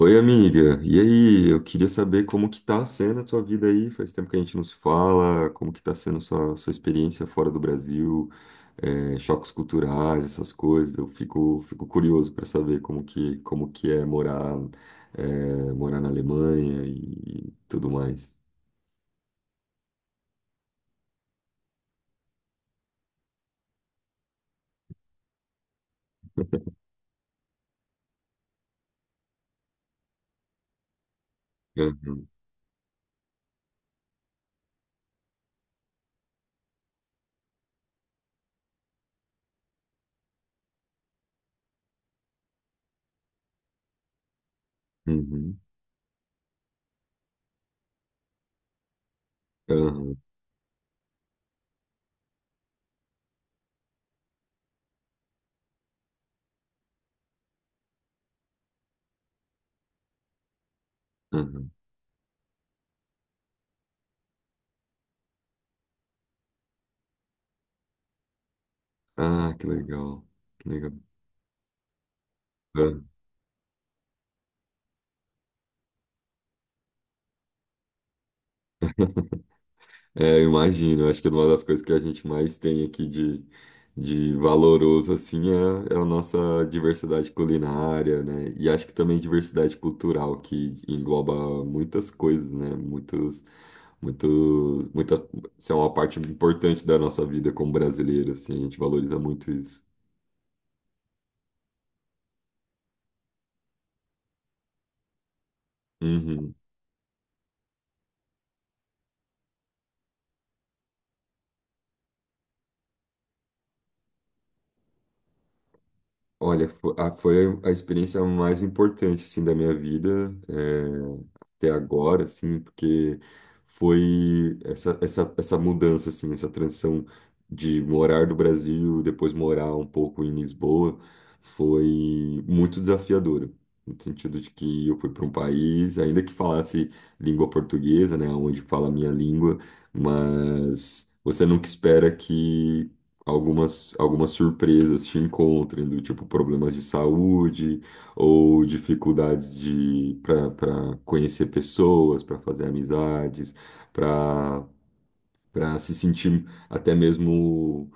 Oi, amiga. E aí, eu queria saber como que tá sendo a tua vida aí. Faz tempo que a gente não se fala. Como que tá sendo sua experiência fora do Brasil? É, choques culturais, essas coisas. Eu fico curioso para saber como que é morar na Alemanha e tudo mais. Uhum, uhum, uhum, uhum. Ah, que legal. Que legal. É, eu imagino. Acho que uma das coisas que a gente mais tem aqui de valoroso, assim, é a nossa diversidade culinária, né? E acho que também diversidade cultural, que engloba muitas coisas, né? Muitos, muita, isso é uma parte importante da nossa vida como brasileiro, assim, a gente valoriza muito isso. Uhum. Olha, foi a experiência mais importante, assim, da minha vida, até agora, assim, porque foi essa mudança, assim, essa transição de morar do Brasil, depois morar um pouco em Lisboa, foi muito desafiadora, no sentido de que eu fui para um país, ainda que falasse língua portuguesa, né, onde fala a minha língua, mas você nunca espera que algumas surpresas te encontrem, do tipo problemas de saúde ou dificuldades de para conhecer pessoas, para fazer amizades, para para se sentir até mesmo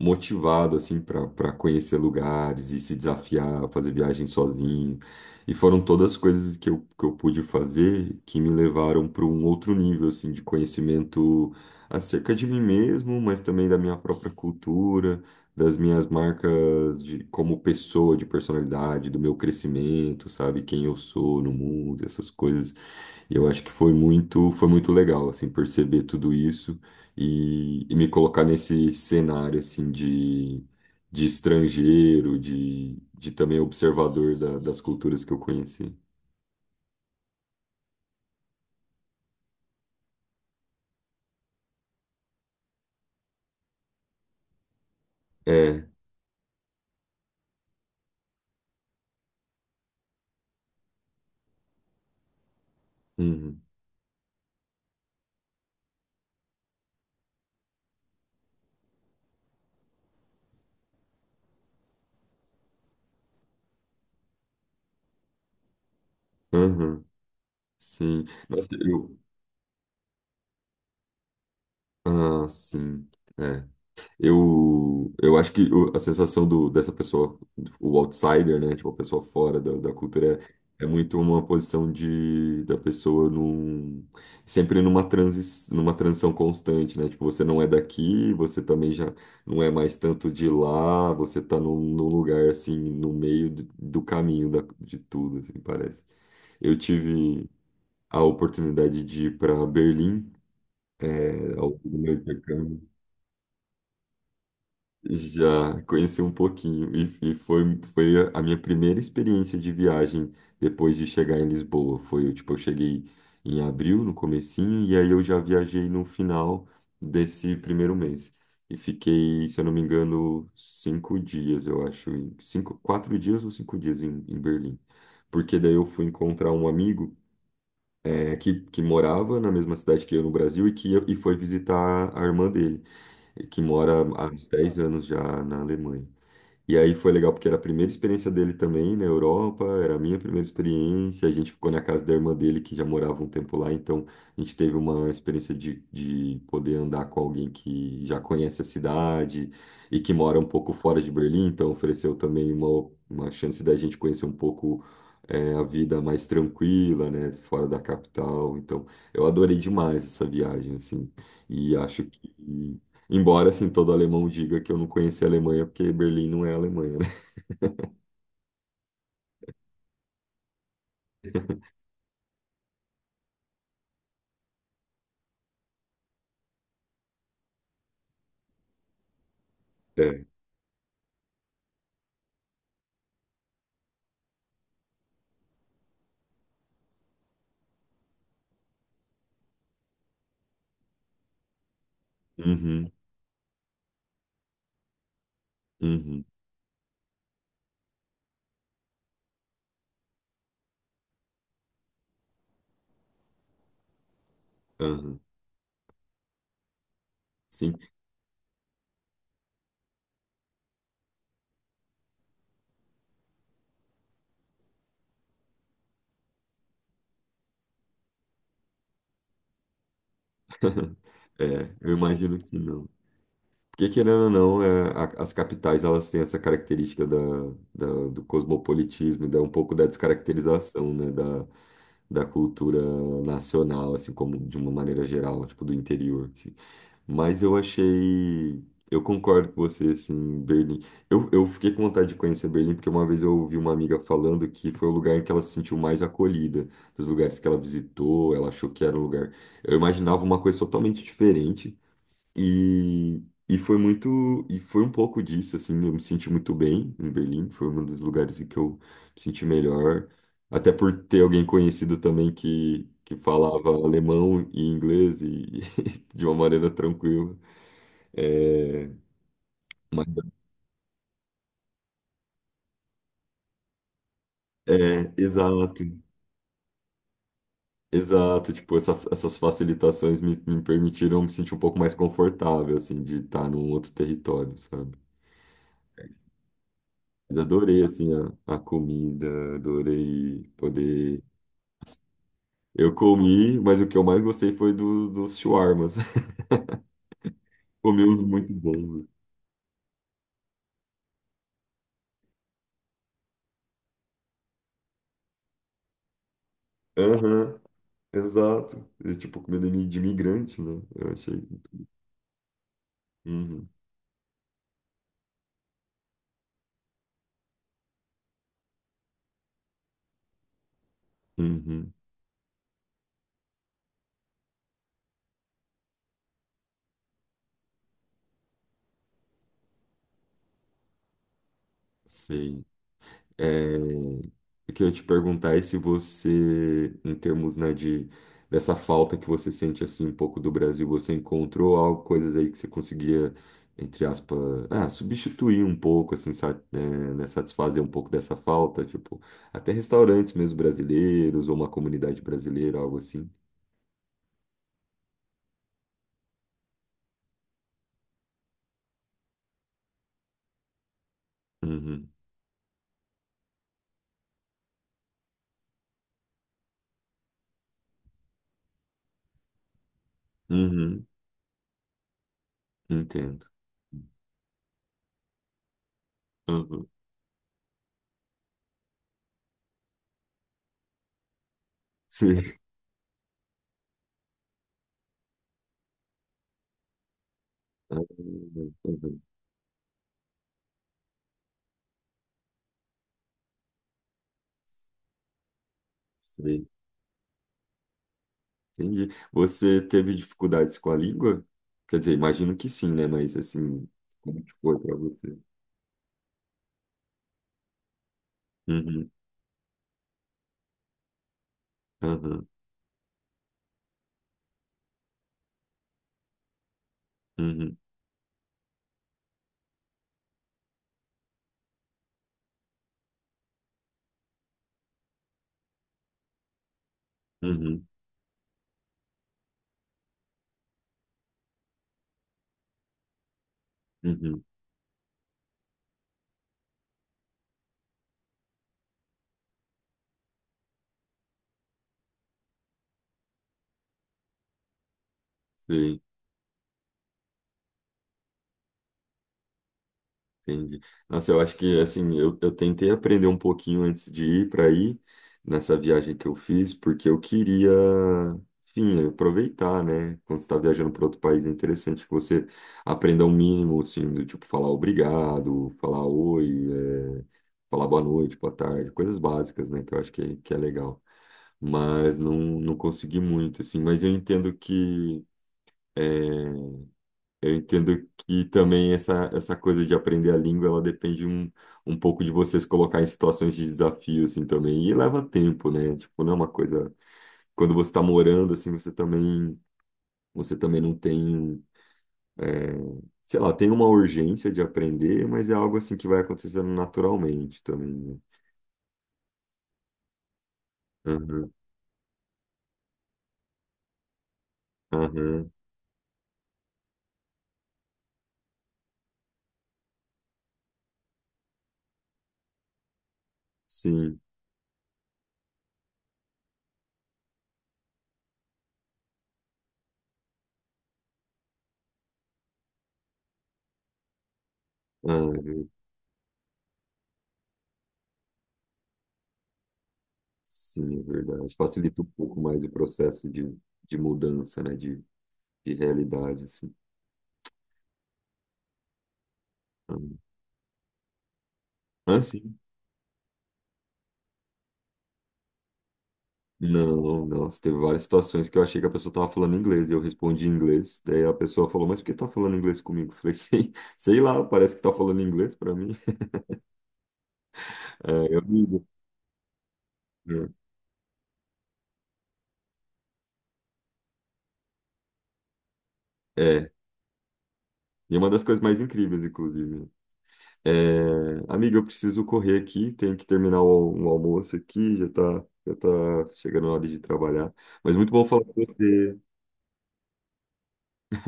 motivado assim para conhecer lugares e se desafiar, fazer viagem sozinho. E foram todas as coisas que eu pude fazer que me levaram para um outro nível assim de conhecimento acerca de mim mesmo, mas também da minha própria cultura, das minhas marcas de como pessoa, de personalidade, do meu crescimento, sabe, quem eu sou no mundo, essas coisas. E eu acho que foi muito legal, assim, perceber tudo isso e me colocar nesse cenário, assim, de estrangeiro, de também observador das culturas que eu conheci. É, uhum, uhum, sim. Nossa, ah, sim. É. Eu acho que a sensação dessa pessoa, o outsider, né? Tipo, a pessoa fora da cultura, é muito uma posição da pessoa sempre numa transição constante, né? Tipo, você não é daqui, você também já não é mais tanto de lá, você tá num lugar, assim, no meio do caminho de tudo, assim, parece. Eu tive a oportunidade de ir para Berlim, ao longo do meu intercâmbio. Já conheci um pouquinho e foi a minha primeira experiência de viagem depois de chegar em Lisboa. Foi, tipo, eu cheguei em abril, no comecinho, e aí eu já viajei no final desse primeiro mês. E fiquei, se eu não me engano, 5 dias, eu acho, 4 dias ou 5 dias em Berlim. Porque daí eu fui encontrar um amigo que morava na mesma cidade que eu no Brasil e foi visitar a irmã dele, que mora há uns 10 anos já na Alemanha. E aí foi legal porque era a primeira experiência dele também na Europa, era a minha primeira experiência. A gente ficou na casa da irmã dele, que já morava um tempo lá, então a gente teve uma experiência de poder andar com alguém que já conhece a cidade e que mora um pouco fora de Berlim, então ofereceu também uma chance da gente conhecer um pouco. A vida mais tranquila, né, fora da capital. Então, eu adorei demais essa viagem, assim, e acho que embora, assim, todo alemão diga que eu não conheci a Alemanha, porque Berlim não é a Alemanha, né? É. Uhum, uhum, uhum. Sim. É, eu imagino que não. Porque, querendo ou não, as capitais, elas têm essa característica do cosmopolitismo, e um pouco da descaracterização, né? Da cultura nacional, assim, como de uma maneira geral, tipo, do interior, assim. Mas eu achei. Eu concordo com você, assim, Berlim. Eu fiquei com vontade de conhecer Berlim, porque uma vez eu ouvi uma amiga falando que foi o lugar em que ela se sentiu mais acolhida, dos lugares que ela visitou, ela achou que era um lugar. Eu imaginava uma coisa totalmente diferente. E, e foi um pouco disso, assim, eu me senti muito bem em Berlim, foi um dos lugares em que eu me senti melhor, até por ter alguém conhecido também que falava alemão e inglês e, de uma maneira tranquila. É, mas- é, exato, exato, tipo, essas facilitações me permitiram me sentir um pouco mais confortável, assim, de estar num outro território, sabe? Mas adorei, assim, a comida, adorei poder. Eu comi, mas o que eu mais gostei foi dos shawarmas. Comi uns muito bons. Aham, exato. É tipo comida de imigrante, né? Eu achei. Uhum, uhum, sei. É, eu queria te perguntar é se você, em termos, né, de dessa falta que você sente assim um pouco do Brasil, você encontrou algo, coisas aí que você conseguia, entre aspas, ah, substituir um pouco, assim, né, satisfazer um pouco dessa falta, tipo, até restaurantes mesmo brasileiros ou uma comunidade brasileira, algo assim. Uhum, uhum, entendo. Uhum, sim. Uhum, uhum, sei. Entendi. Você teve dificuldades com a língua? Quer dizer, imagino que sim, né? Mas assim, como que foi para você? Uhum, uhum, uhum, uhum, uhum. Sim, entendi. Nossa, eu acho que assim, eu tentei aprender um pouquinho antes de ir para aí, nessa viagem que eu fiz, porque eu queria, enfim, aproveitar, né? Quando você está viajando para outro país, é interessante que você aprenda o mínimo, assim, do tipo falar obrigado, falar oi. é, falar boa noite, boa tarde, coisas básicas, né, que eu acho que é legal. Mas não, não consegui muito, assim. Mas eu entendo que também essa coisa de aprender a língua, ela depende um pouco de vocês colocar em situações de desafio, assim, também. E leva tempo, né? Tipo, não é uma coisa. Quando você está morando, assim, você também não tem. É, sei lá, tem uma urgência de aprender, mas é algo, assim, que vai acontecendo naturalmente também, né? Aham, aham, sim. Ah, sim, é verdade. Facilita um pouco mais o processo de mudança, né? De realidade, assim. Ah, ah, sim. Não, nossa, teve várias situações que eu achei que a pessoa tava falando inglês e eu respondi em inglês. Daí a pessoa falou, mas por que você tá falando inglês comigo? Eu falei, sei lá, parece que tá falando inglês pra mim. É, eu ligo. É, é. E uma das coisas mais incríveis, inclusive. É, amiga, eu preciso correr aqui, tenho que terminar um almoço aqui, já tá chegando a hora de trabalhar. Mas muito bom falar com você.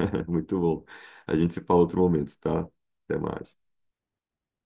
Muito bom. A gente se fala outro momento, tá? Até mais.